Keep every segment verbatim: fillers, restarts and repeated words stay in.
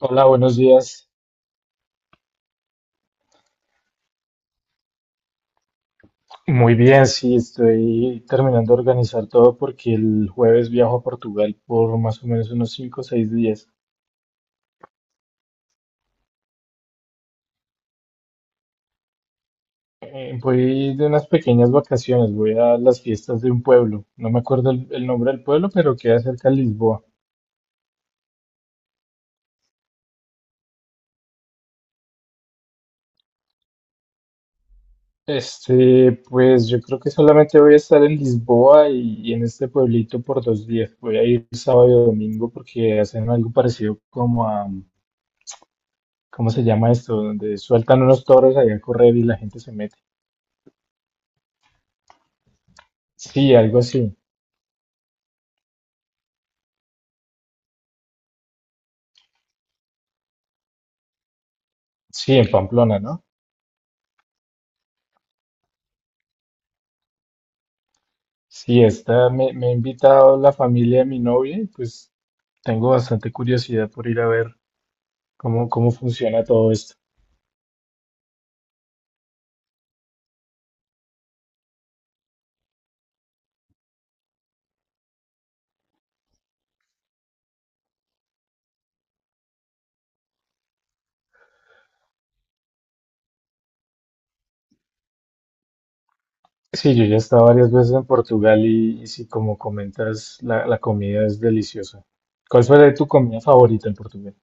Hola, buenos días. Muy bien, sí, estoy terminando de organizar todo porque el jueves viajo a Portugal por más o menos unos cinco o seis días. Eh, voy de unas pequeñas vacaciones, voy a las fiestas de un pueblo. No me acuerdo el, el nombre del pueblo, pero queda cerca de Lisboa. Este, pues yo creo que solamente voy a estar en Lisboa y, y en este pueblito por dos días. Voy a ir sábado y domingo porque hacen algo parecido como a, ¿cómo se llama esto? Donde sueltan unos toros allá a correr y la gente se mete. Sí, algo así. Sí, en Pamplona, ¿no? Sí, esta me, me ha invitado la familia de mi novia y pues tengo bastante curiosidad por ir a ver cómo, cómo funciona todo esto. Sí, yo ya he estado varias veces en Portugal y, y sí, como comentas, la, la comida es deliciosa. ¿Cuál fue tu comida favorita en Portugal?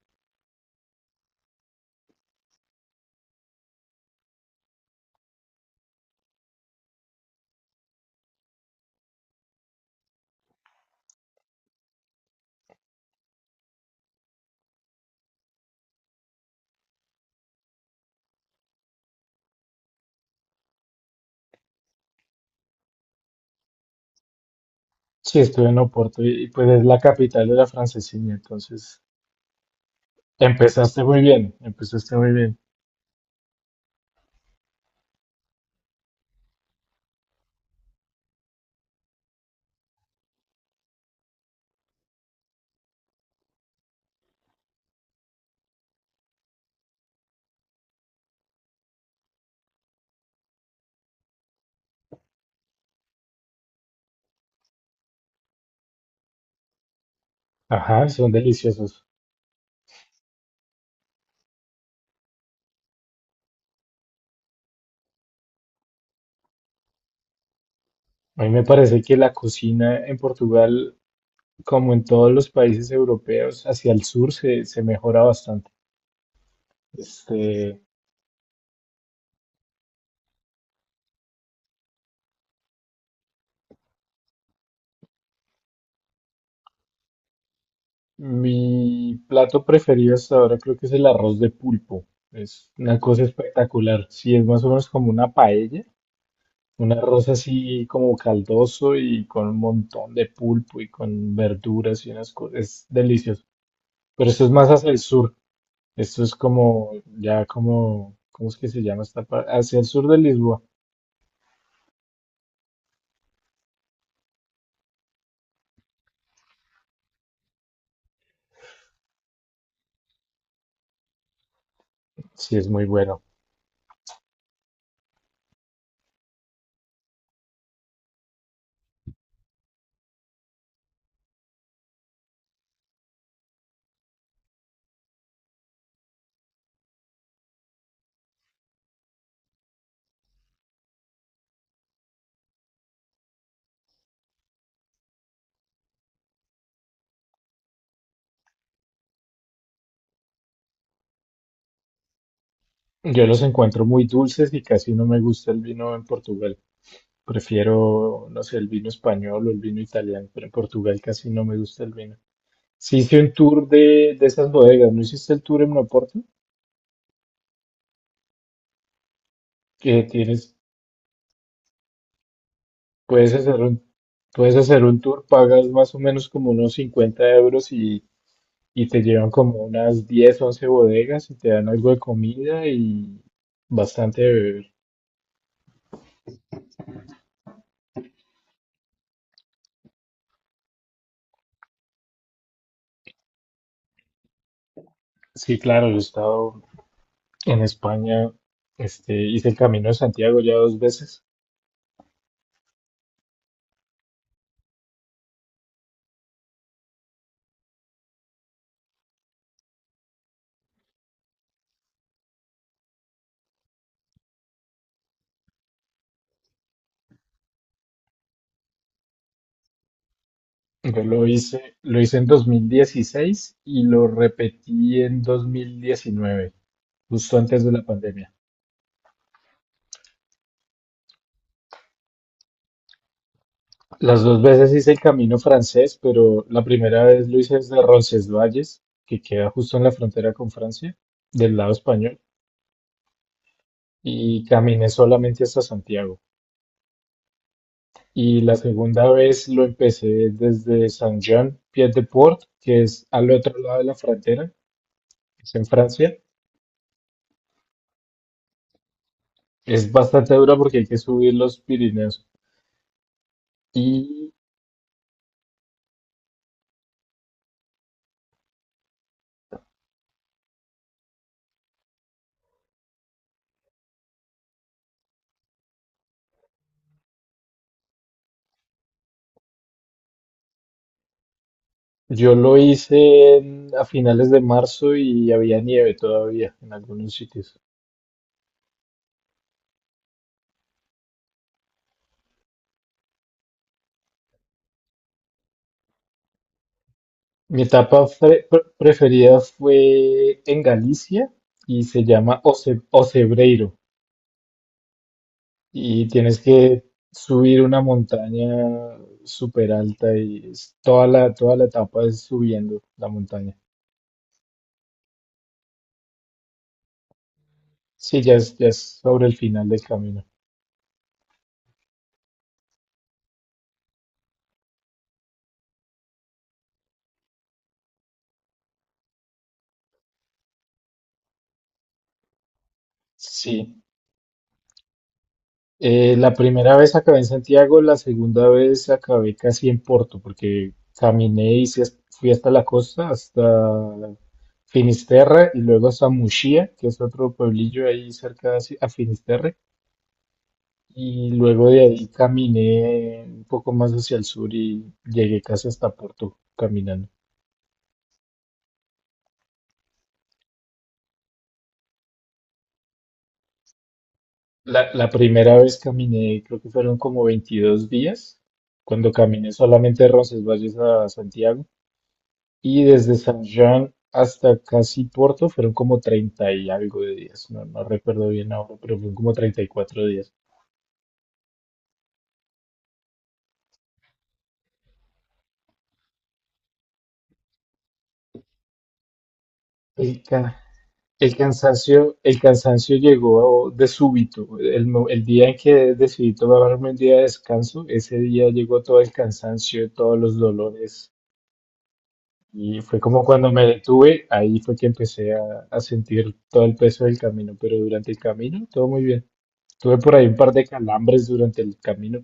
Sí, estuve en Oporto y, y, pues es la capital de la francesina, entonces empezaste muy bien, empezaste muy bien. Ajá, son deliciosos. A mí me parece que la cocina en Portugal, como en todos los países europeos, hacia el sur se, se mejora bastante. Este, mi plato preferido hasta ahora creo que es el arroz de pulpo. Es una cosa espectacular. Sí, es más o menos como una paella, un arroz así como caldoso y con un montón de pulpo y con verduras y unas cosas. Es delicioso. Pero esto es más hacia el sur. Esto es como, ya como, ¿cómo es que se llama esta parte? Hacia el sur de Lisboa. Sí, es muy bueno. Yo los encuentro muy dulces y casi no me gusta el vino en Portugal. Prefiero, no sé, el vino español o el vino italiano, pero en Portugal casi no me gusta el vino. Sí hice un tour de, de esas bodegas, ¿no hiciste el tour en Oporto? Que tienes, puedes hacer un, puedes hacer un tour, pagas más o menos como unos cincuenta euros y, y te llevan como unas diez, once bodegas y te dan algo de comida y bastante de beber. Sí, claro, yo he estado en España. este, hice el Camino de Santiago ya dos veces. Yo lo hice, lo hice en dos mil dieciséis y lo repetí en dos mil diecinueve, justo antes de la pandemia. Las dos veces hice el camino francés, pero la primera vez lo hice desde Roncesvalles, que queda justo en la frontera con Francia, del lado español, y caminé solamente hasta Santiago. Y la segunda vez lo empecé desde Saint-Jean-Pied-de-Port, que es al otro lado de la frontera, es en Francia. Es bastante dura porque hay que subir los Pirineos. Y yo lo hice en- a finales de marzo y había nieve todavía en algunos sitios. Mi etapa fre- pre- preferida fue en Galicia y se llama Oce- Ocebreiro. Y tienes que subir una montaña súper alta y es- toda la, toda la etapa es subiendo la montaña. Sí, ya es, ya es sobre el final del camino. Sí. Eh, la primera vez acabé en Santiago, la segunda vez acabé casi en Porto, porque caminé y sí es- fui hasta la costa, hasta Finisterre y luego hasta Muxía, que es otro pueblillo ahí cerca de Ci- a Finisterre. Y luego de ahí caminé un poco más hacia el sur y llegué casi hasta Porto caminando. La, la primera vez caminé, creo que fueron como veintidós días, cuando caminé solamente de Roncesvalles a Santiago. Y desde San Juan hasta casi Porto fueron como treinta y algo de días. No, no recuerdo bien ahora, pero fueron como treinta y cuatro días. El, ca- el cansancio, el cansancio llegó de súbito. El, mo- el día en que decidí tomarme un día de descanso, ese día llegó todo el cansancio, todos los dolores. Y fue como cuando me detuve, ahí fue que empecé a, a sentir todo el peso del camino, pero durante el camino todo muy bien. Tuve por ahí un par de calambres durante el camino.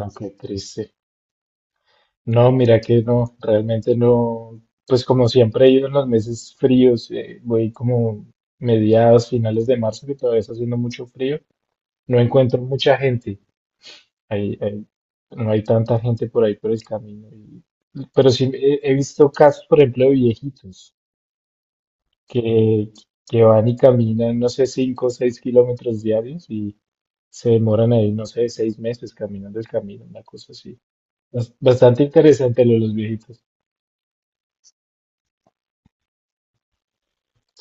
No, qué triste. No, mira que no, realmente no. Pues como siempre he ido en los meses fríos, eh, voy como mediados, finales de marzo, que todavía está haciendo mucho frío. No encuentro mucha gente. Hay, hay- no hay tanta gente por ahí por el camino. Y- pero sí he, he visto casos, por ejemplo, de viejitos que, que van y caminan, no sé, cinco, o seis kilómetros diarios y se demoran ahí, no sé, seis meses caminando el camino, una cosa así. Bas- Bastante interesante lo de los viejitos.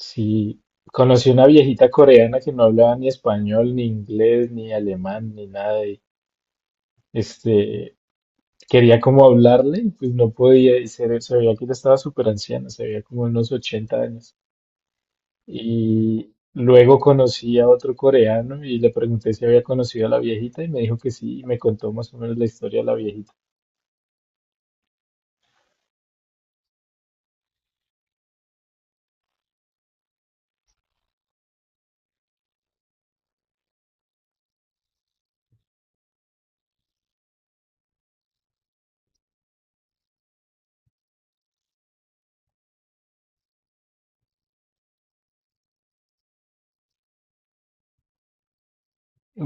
Sí, conocí una viejita coreana que no hablaba ni español, ni inglés, ni alemán, ni nada. Y, este, quería como hablarle, y pues no podía, y se, se veía que ella estaba súper anciana, se veía como unos ochenta años. Y luego conocí a otro coreano y le pregunté si había conocido a la viejita y me dijo que sí, y me contó más o menos la historia de la viejita.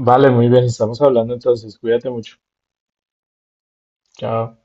Vale, muy bien, estamos hablando entonces, cuídate mucho. Chao.